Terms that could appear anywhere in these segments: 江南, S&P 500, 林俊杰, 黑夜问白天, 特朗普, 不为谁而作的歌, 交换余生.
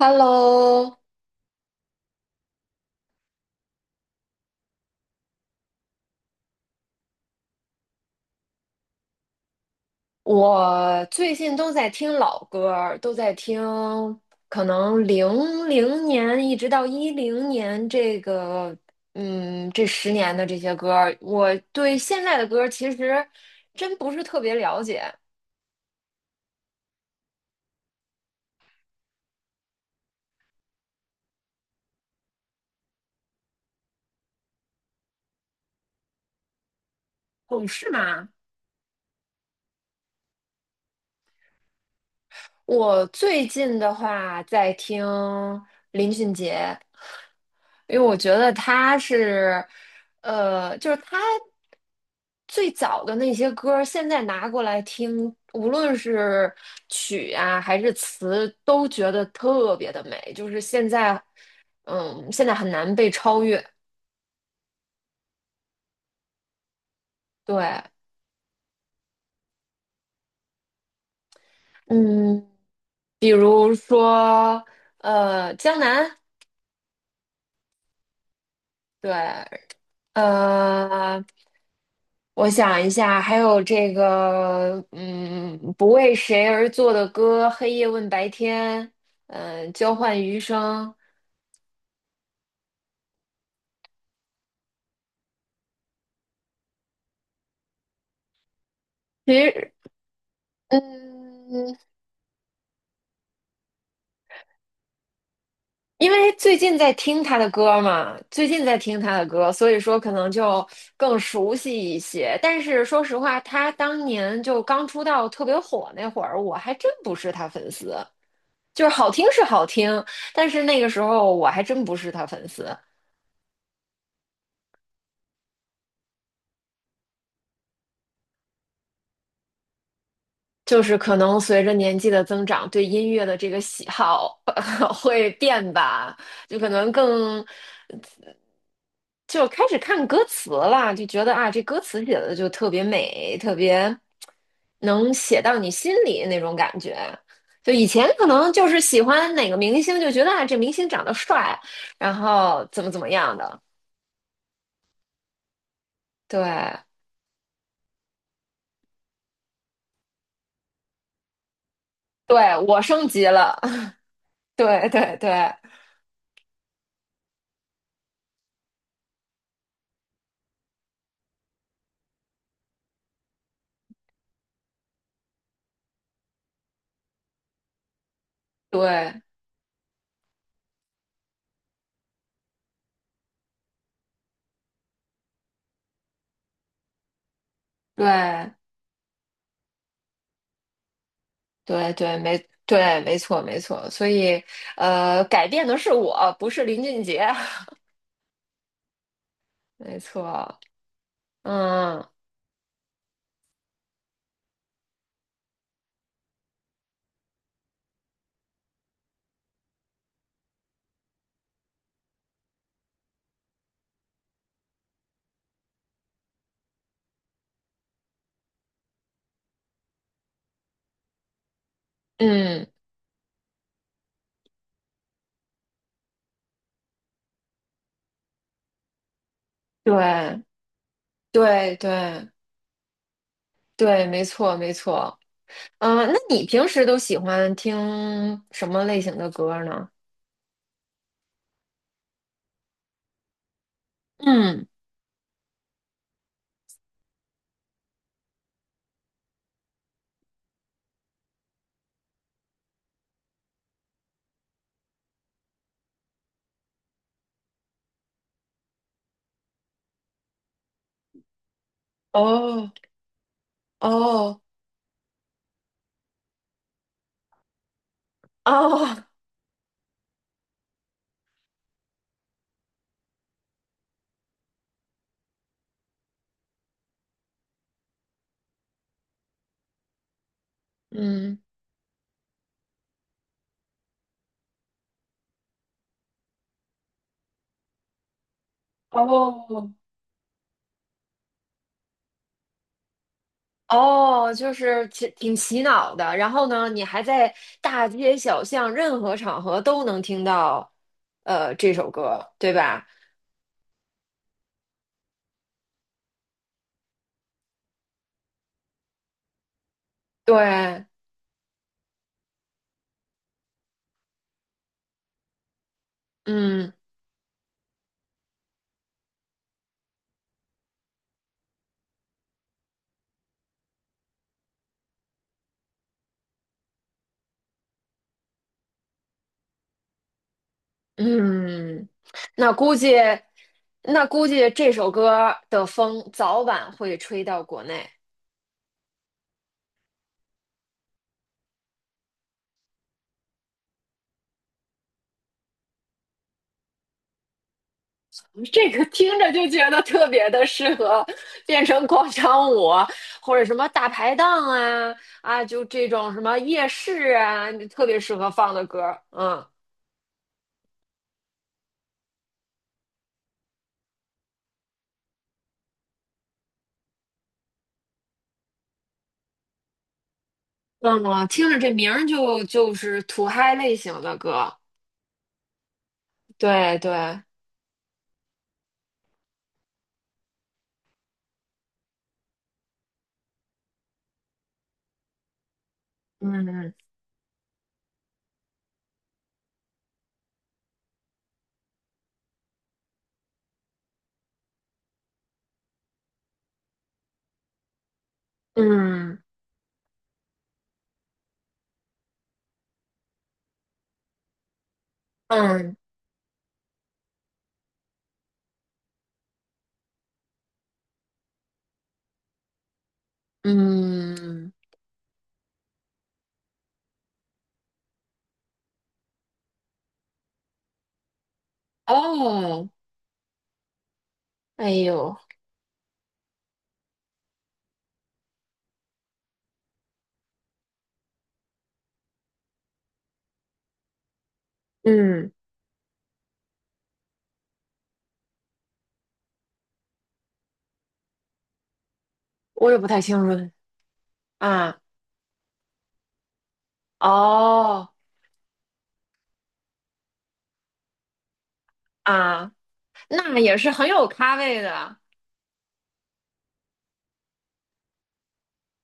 Hello，我最近都在听老歌儿，都在听可能00年一直到10年这个，嗯，这十年的这些歌儿，我对现在的歌儿其实真不是特别了解。哦，是吗？我最近的话在听林俊杰，因为我觉得他是，就是他最早的那些歌儿现在拿过来听，无论是曲啊还是词，都觉得特别的美。就是现在，嗯，现在很难被超越。对，嗯，比如说，江南，对，呃，我想一下，还有这个，嗯，不为谁而作的歌，黑夜问白天，嗯，交换余生。其实，嗯，因为最近在听他的歌嘛，最近在听他的歌，所以说可能就更熟悉一些。但是说实话，他当年就刚出道特别火那会儿，我还真不是他粉丝。就是好听是好听，但是那个时候我还真不是他粉丝。就是可能随着年纪的增长，对音乐的这个喜好 会变吧，就可能更就开始看歌词了，就觉得啊，这歌词写的就特别美，特别能写到你心里那种感觉。就以前可能就是喜欢哪个明星，就觉得啊，这明星长得帅，然后怎么怎么样的。对，对，我升级了，对对对对对。对对，没对，没错没错，所以改变的是我，不是林俊杰，没错，嗯嗯，对对对对，没错没错，嗯、那你平时都喜欢听什么类型的歌呢？嗯，哦哦哦，嗯哦。哦，就是挺洗脑的，然后呢，你还在大街小巷、任何场合都能听到，这首歌，对吧？对，嗯嗯，那估计，那估计这首歌的风早晚会吹到国内。这个听着就觉得特别的适合变成广场舞，或者什么大排档啊，就这种什么夜市啊，特别适合放的歌儿，嗯。嗯，我听着这名儿就是土嗨类型的歌，对对，嗯嗯嗯嗯，哦，哎呦，嗯，我也不太清楚啊，哦啊，那也是很有咖位的，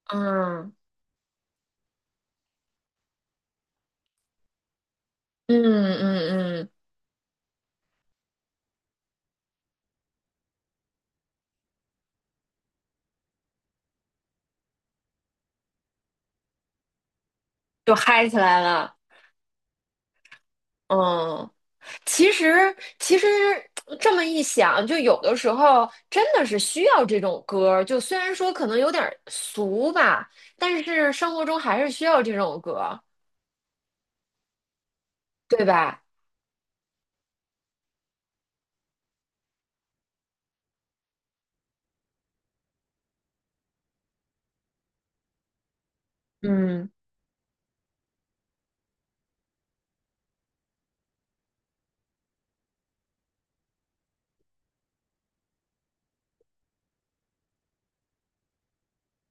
嗯嗯嗯嗯，就嗨起来了，嗯。其实，这么一想，就有的时候真的是需要这种歌儿。就虽然说可能有点儿俗吧，但是生活中还是需要这种歌儿，对吧？嗯，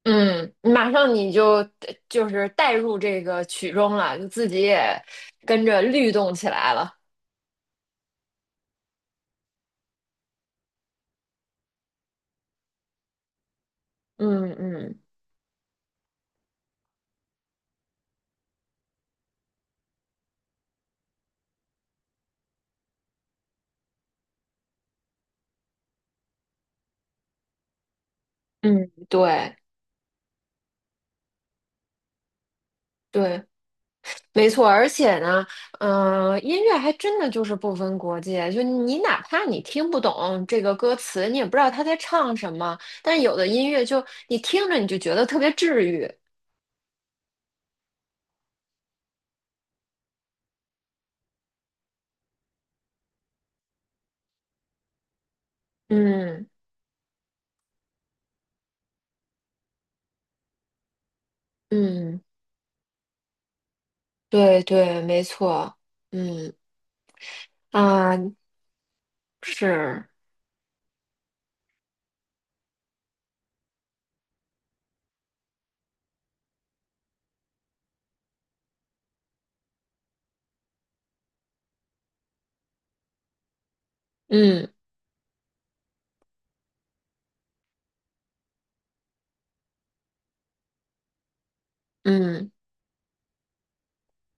嗯，马上你就是带入这个曲中了，就自己也跟着律动起来了。嗯嗯嗯，对对。没错，而且呢，嗯、音乐还真的就是不分国界，就你哪怕你听不懂这个歌词，你也不知道他在唱什么，但有的音乐就你听着你就觉得特别治愈。嗯嗯，对对，没错，嗯啊，是，嗯嗯。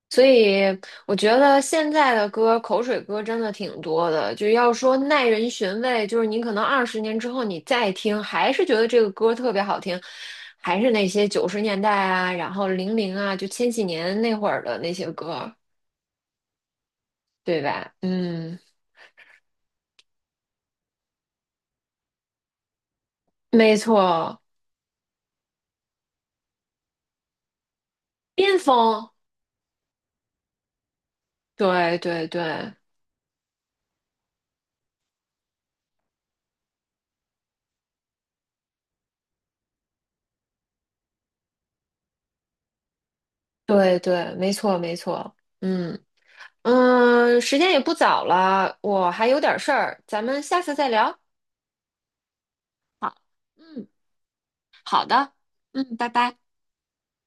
所以我觉得现在的歌，口水歌真的挺多的。就要说耐人寻味，就是你可能20年之后你再听，还是觉得这个歌特别好听，还是那些90年代啊，然后零零啊，就千禧年那会儿的那些歌，对吧？嗯，没错，巅峰，对对对对对，没错没错，嗯嗯，时间也不早了，我还有点事儿，咱们下次再聊。好，嗯。好的，嗯，拜拜。